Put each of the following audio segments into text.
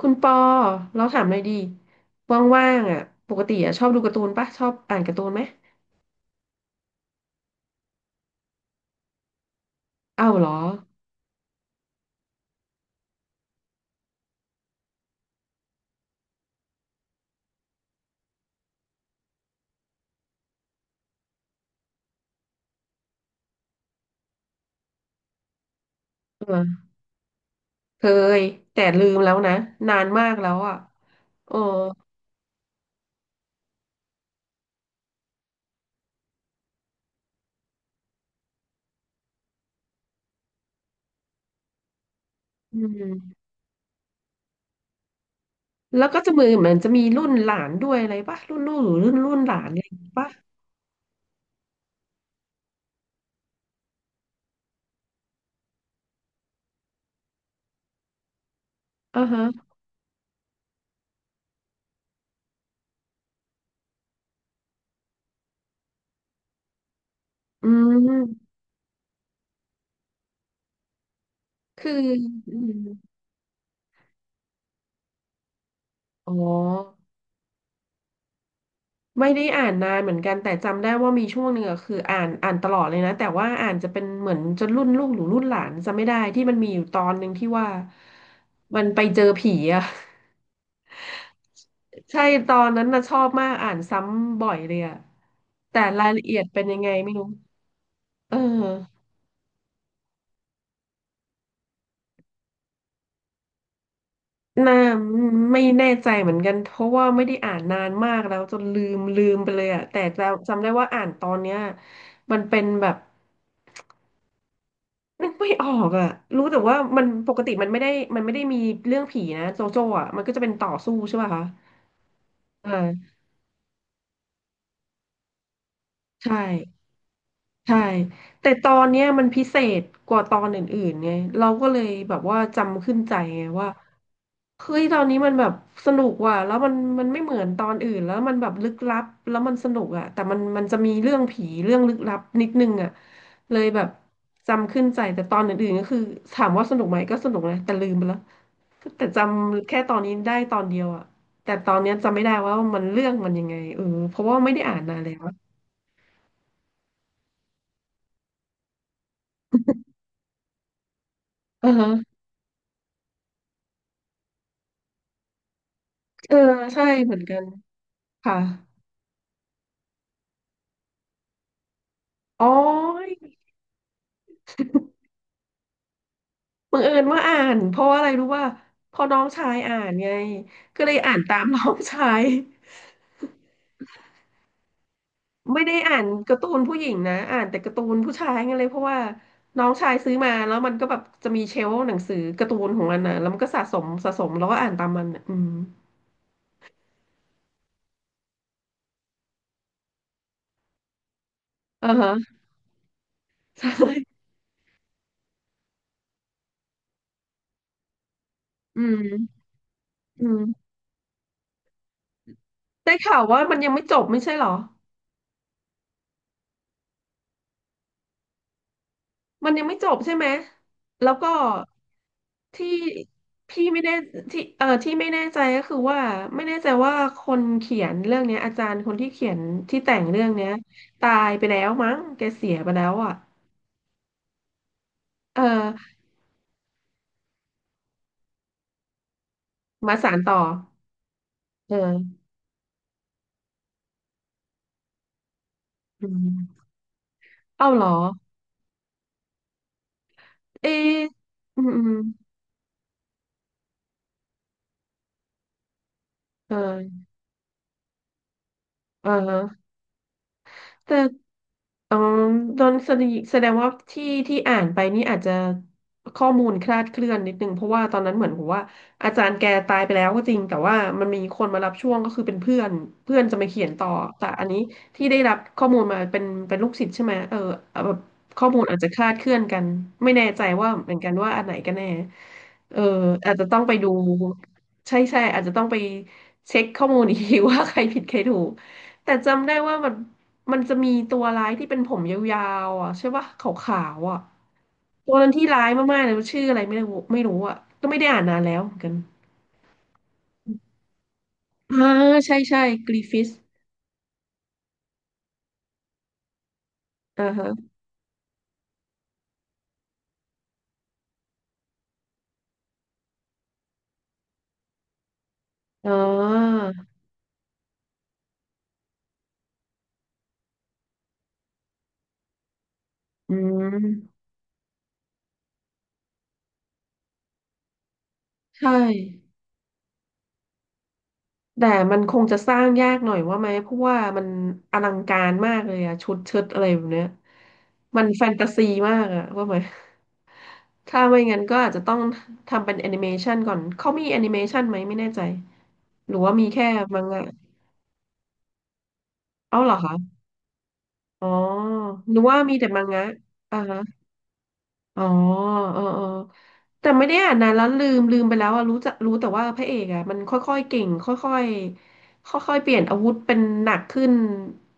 คุณปอเราถามหน่อยดีว่างๆอ่ะปกติอ่ะชอบดูการ์ตูนปะชอบอ่านการ์ตูนไหมอ้าวเหรอเออเคยแต่ลืมแล้วนะนานมากแล้วอ่ะเอออืมแล้วก็จะมือเหมือนจะมีรุ่นหลานด้วยอะไรปะรุ่นลูกหรือรุ่นหลานอะไรอย่างงี้ปะอ่าฮะอืมคืออืมอ๋อ ไม่ได้อ่านนานเหมือนกันแต่จำได้ว่ามีช่วงหนึ่งอะคืออ่านตลอดเลยนะแต่ว่าอ่านจะเป็นเหมือนจนรุ่นลูกหรือรุ่นหลานจำไม่ได้ที่มันมีอยู่ตอนหนึ่งที่ว่ามันไปเจอผีอะ ใช่ตอนนั้นนะชอบมากอ่านซ้ำบ่อยเลยอะแต่รายละเอียดเป็นยังไงไม่รู้เออน่าไม่แน่ใจเหมือนกันเพราะว่าไม่ได้อ่านนานมากแล้วจนลืมไปเลยอะแต่จำได้ว่าอ่านตอนเนี้ยมันเป็นแบบ นึกไม่ออกอ่ะรู้แต่ว่ามันปกติมันไม่ได้มันไม่ได้มีเรื่องผีนะโจโจ้อ่ะมันก็จะเป็นต่อสู้ใช่ป่ะคะอ่าใช่ ใช่แต่ตอนเนี้ยมันพิเศษกว่าตอนอื่นๆไงเราก็เลยแบบว่าจำขึ้นใจไงว่าเฮ้ยตอนนี้มันแบบสนุกว่ะแล้วมันมันไม่เหมือนตอนอื่นแล้วมันแบบลึกลับแล้วมันสนุกอ่ะแต่มันมันจะมีเรื่องผีเรื่องลึกลับนิดนึงอ่ะเลยแบบจำขึ้นใจแต่ตอนอื่นๆก็คือถามว่าสนุกไหมก็สนุกนะแต่ลืมไปแล้วแต่จำแค่ตอนนี้ได้ตอนเดียวอ่ะแต่ตอนเนี้ยจำไม่ได้ว่ามันเรื่องมันยังไงเออเพราะว่าไม่ได้อ่านนานแล้วอือฮะเออใช่เหมือนกัน ค่ะอ๋อบังเอิญว่าอ่านเพราะว่าอะไรรู้ว่าพอน้องชายอ่านไงก็เลยอ่านตามน้องชายไม่ได้อ่านการ์ตูนผู้หญิงนะอ่านแต่การ์ตูนผู้ชายไงเลยเพราะว่าน้องชายซื้อมาแล้วมันก็แบบจะมีเชลฟ์หนังสือการ์ตูนของมันนะแล้วมันก็สะสมแล้วก็อ่านตามมันน่ะอืมอ่าฮะ ใช่อืมอืมได้ข่าวว่ามันยังไม่จบไม่ใช่เหรอ มันยังไม่จบใช่ไหม แล้วก็ที่พี่ไม่ได้ที่ที่ไม่แน่ใจก็คือว่าไม่แน่ใจว่าคนเขียนเรื่องเนี้ยอาจารย์คนที่เขียนที่แต่งเรื่องเนี้ยตายไปแล้วมั้งแกเสียไปแล้วอ่ะเออมาสานต่อเอออืมเอ้าเหรอเอะอืมอืมเออเออ แต่อ๋อโดนแสดงว่าที่อ่านไปนี่อาจจะข้อมูลคลาดเคลื่อนนิดนึงเพราะว่าตอนนั้นเหมือนผมว่าอาจารย์แกตายไปแล้วก็จริงแต่ว่ามันมีคนมารับช่วงก็คือเป็นเพื่อนเพื่อนจะมาเขียนต่อแต่อันนี้ที่ได้รับข้อมูลมาเป็นลูกศิษย์ใช่ไหมเออแบบข้อมูลอาจจะคลาดเคลื่อนกันไม่แน่ใจว่าเหมือนกันว่าอันไหนกันแน่เอออาจจะต้องไปดูใช่ใช่อาจจะต้องไปเช็คข้อมูลอีกที ว่าใครผิดใครถูกแต่จำได้ว่ามัน มันจะมีตัวร้ายที่เป็นผมยาวๆอ่ะใช่ปะขาวๆอ่ะตัวนั้นที่ร้ายมากๆเลยชื่ออะไรไม่รู้อ่ะก็ไม่ได้อ่านนานแล้วเหมือนกันอ่าใช่ใช่กรีฟิสอ่าฮะอ๋ออืมใช่ แต่มันคงจะสร้างยากหน่อยว่าไหมเพราะว่ามันอลังการมากเลยอะชุดเชิดอะไรแบบเนี้ยมันแฟนตาซีมากอะว่าไหมถ้าไม่งั้นก็อาจจะต้องทำเป็นแอนิเมชันก่อนเขามีแอนิเมชันไหมไม่แน่ใจหรือว่ามีแค่มังงะเอ้าเหรอคะอ๋อหรือว่ามีแต่มังงะอ่าฮะ อ๋อเออแต่ไม่ได้อ่านนานแล้วลืมไปแล้วอะรู้จักรู้แต่ว่าพระเอกอะมันค่อยๆเก่งค่อยๆค่อยๆเปลี่ยนอาวุธเป็นหนักขึ้น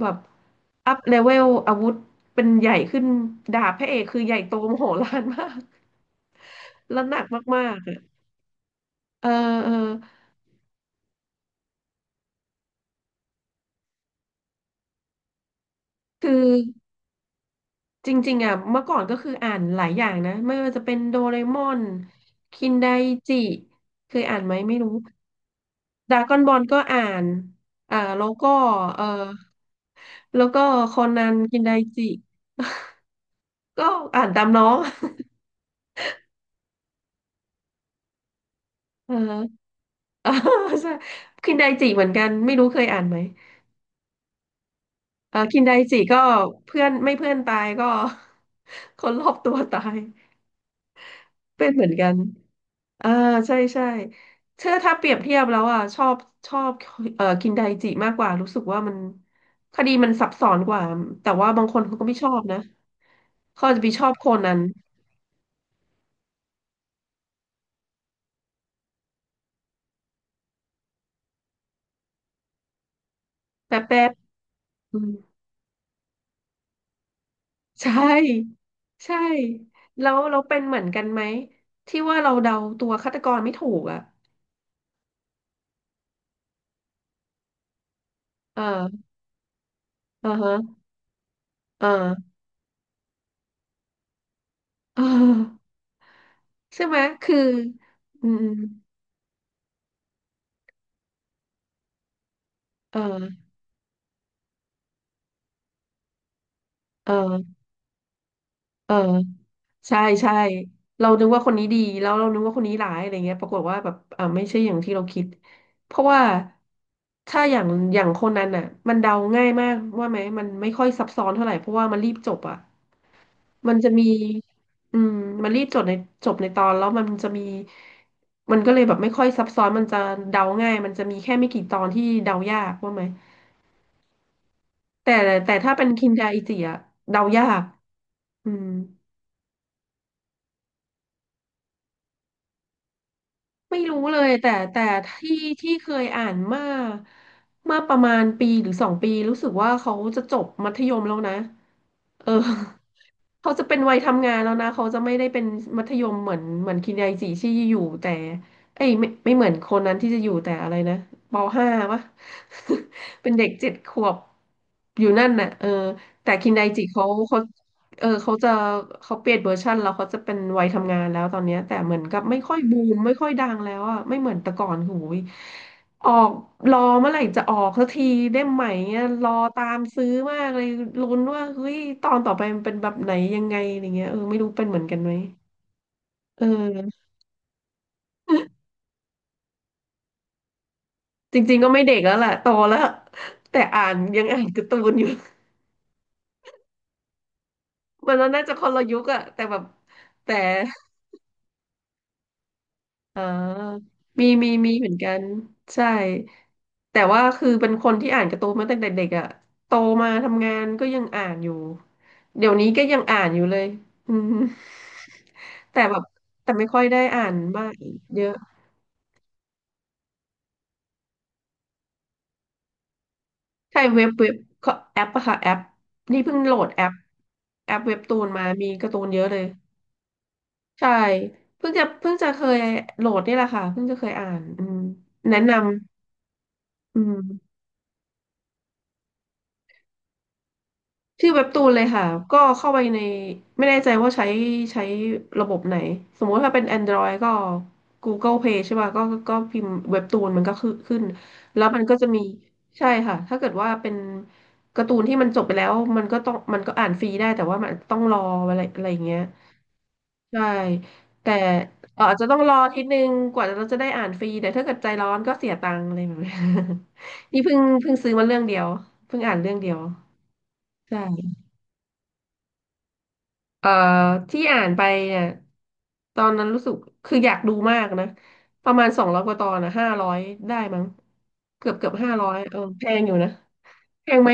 แบบอัพเลเวลอาวุธเป็นใหญ่ขึ้นดาบพระเอกคือใหญ่โตมโหฬารมาก แล้วหนักมากๆอะเออเออคือจริงๆอะเมื่อก่อนก็คืออ่านหลายอย่างนะไม่ว่าจะเป็นโดเรมอนคินไดจิเคยอ่านไหมไม่รู้ ดราก้อนบอลก็อ่านอ่าแล้วก็เออแล้วก็คอนันคินไดจิก็อ่านตามน้องเออ เออใช่คินไดจิเหมือนกันไม่รู้เคยอ่านไหมเออคินไดจิก็เพื่อนไม่เพื่อนตายก็ คนรอบตัวตายเป็นเหมือนกันเออใช่ใช่เชื่อถ้าเปรียบเทียบแล้วอ่ะชอบเออคินไดจิมากกว่ารู้สึกว่ามันคดีมันซับซ้อนกว่าแต่ว่าบางคนเขาก็ไม่ชอบนะเขาอาจจะไปชอบโคนัน แป๊บแป๊บอืมใช่ใช่แล้วเราเป็นเหมือนกันไหมที่ว่าเราเดาตัวฆาตกรไม่ถูกอ่ะเออเออฮะเออเออใช่ไหมคืออืมเออเออเออใช่ใช่เรานึกว่าคนนี้ดีแล้วเรานึกว่าคนนี้ร้ายอะไรเงี้ยปรากฏว่าแบบเอ่าไม่ใช่อย่างที่เราคิด เพราะว่าถ้าอย่างคนนั้นอ่ะมันเดาง่ายมากว่าไหมมันไม่ค่อยซับซ้อนเท่าไหร่เพราะว่ามันรีบจบอ่ะ มันจะมีอืมมันรีบจบในตอนแล้วมันจะมี มันก็เลยแบบไม่ค่อยซับซ้อน มันจะเดาง่าย มันจะมีแค่ไม่กี่ตอนที่เดายากว่าไหม แต่ถ้าเป็นคินดาอิจิอะเดายากอืม ไม่รู้เลยแต่ที่ที่เคยอ่านมาเมื่อประมาณปีหรือ2 ปีรู้สึกว่าเขาจะจบมัธยมแล้วนะเออ เขาจะเป็นวัยทำงานแล้วนะเขาจะไม่ได้เป็นมัธยมเหมือนคินไดจิที่อยู่แต่เอ้ยไม่เหมือนคนนั้นที่จะอยู่แต่อะไรนะปห้าวะ เป็นเด็ก7 ขวบอยู่นั่นน่ะเออแต่คินไดจิเขา เออเขาเปลี่ยนเวอร์ชันแล้วเขาจะเป็นวัยทำงานแล้วตอนเนี้ยแต่เหมือนกับไม่ค่อยบูมไม่ค่อยดังแล้วอ่ะไม่เหมือนแต่ก่อนโหูยออกรอเมื่อไหร่จะออกสักทีเล่มใหม่เนี่ยรอตามซื้อมากเลยลุ้นว่าเฮ้ยตอนต่อไปมันเป็นแบบไหนยังไงอะไรเงี้ยเออไม่รู้เป็นเหมือนกันไหมเออจริงๆก็ไม่เด็กแล้วแหละโตแล้วแต่อ่านยังอ่านการ์ตูนอยู่ มันน่าจะคนละยุคอะแต่แบบแต่ อ่ามีเหมือนกัน ใช่ แต่ว่าคือเป็นคนที่อ่านการ์ตูนมาตั้งแต่เด็กอ่ะโตมาทำงานก็ยังอ่านอยู่ เดี๋ยวนี้ก็ยังอ่านอยู่เลย อืมแต่แบบแต่ไม่ค่อยได้อ่านมากเยอะใช่เว็บก็แอปอะค่ะแอปนี่เพิ่งโหลดแอปเว็บตูนมามีการ์ตูนเยอะเลย ใช่ เพิ่งจะเคยโหลดนี่แหละค่ะเพิ่งจะเคยอ่านอืมแนะนำอืม ชื่อเว็บตูนเลยค่ะก็เข้าไปในไม่แน่ใจว่าใช้ใช้ระบบไหนสมมติถ้าเป็น Android ก็ Google Play ใช่ป่ะก็พิมพ์เว็บตูนมันก็ขึ้นแล้วมันก็จะมีใช่ค่ะถ้าเกิดว่าเป็นการ์ตูนที่มันจบไปแล้วมันก็อ่านฟรีได้แต่ว่ามันต้องรออะไรอะไรอย่างเงี้ยใช่แต่อาจจะต้องรอทีนึงกว่าเราจะได้อ่านฟรีแต่ถ้าเกิดใจร้อนก็เสียตังค์อะไรแบบนี้ นี่เพิ่งซื้อมาเรื่องเดียวเพิ่งอ่านเรื่องเดียวใช่ เอ่อที่อ่านไปเนี่ยตอนนั้นรู้สึกคืออยากดูมากนะประมาณ200 กว่าตอนนะห้าร้อยได้มั้งเกือบเกือบห้าร้อยเออแพงอยู่นะแพงไหม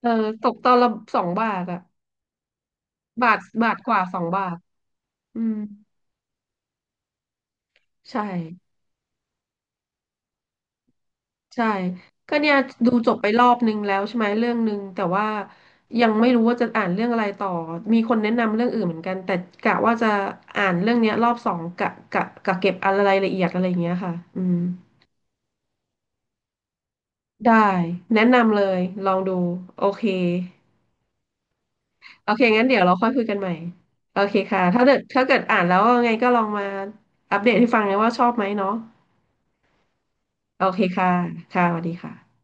เออตกตอนละสองบาทอะบาทบาทกว่าสองบาทอืมใช่ใช่ก็เนี่ยดูจบไปรอบนึงแล้วใช่ไหมเรื่องนึงแต่ว่ายังไม่รู้ว่าจะอ่านเรื่องอะไรต่อมีคนแนะนำเรื่องอื่นเหมือนกันแต่กะว่าจะอ่านเรื่องเนี้ยรอบสองกะเก็บอะไรละเอียดอะไรอย่างเงี้ยค่ะอืม ได้แนะนำเลยลองดูโอเคโอเคงั้นเดี๋ยวเราค่อยคุยกันใหม่โอเคค่ะถ้าเกิดอ่านแล้วไงก็ลองมาอัปเดตให้ฟังนะว่าชอบไหมเนาะโอเคค่ะค่ะสวัสดีค่ะ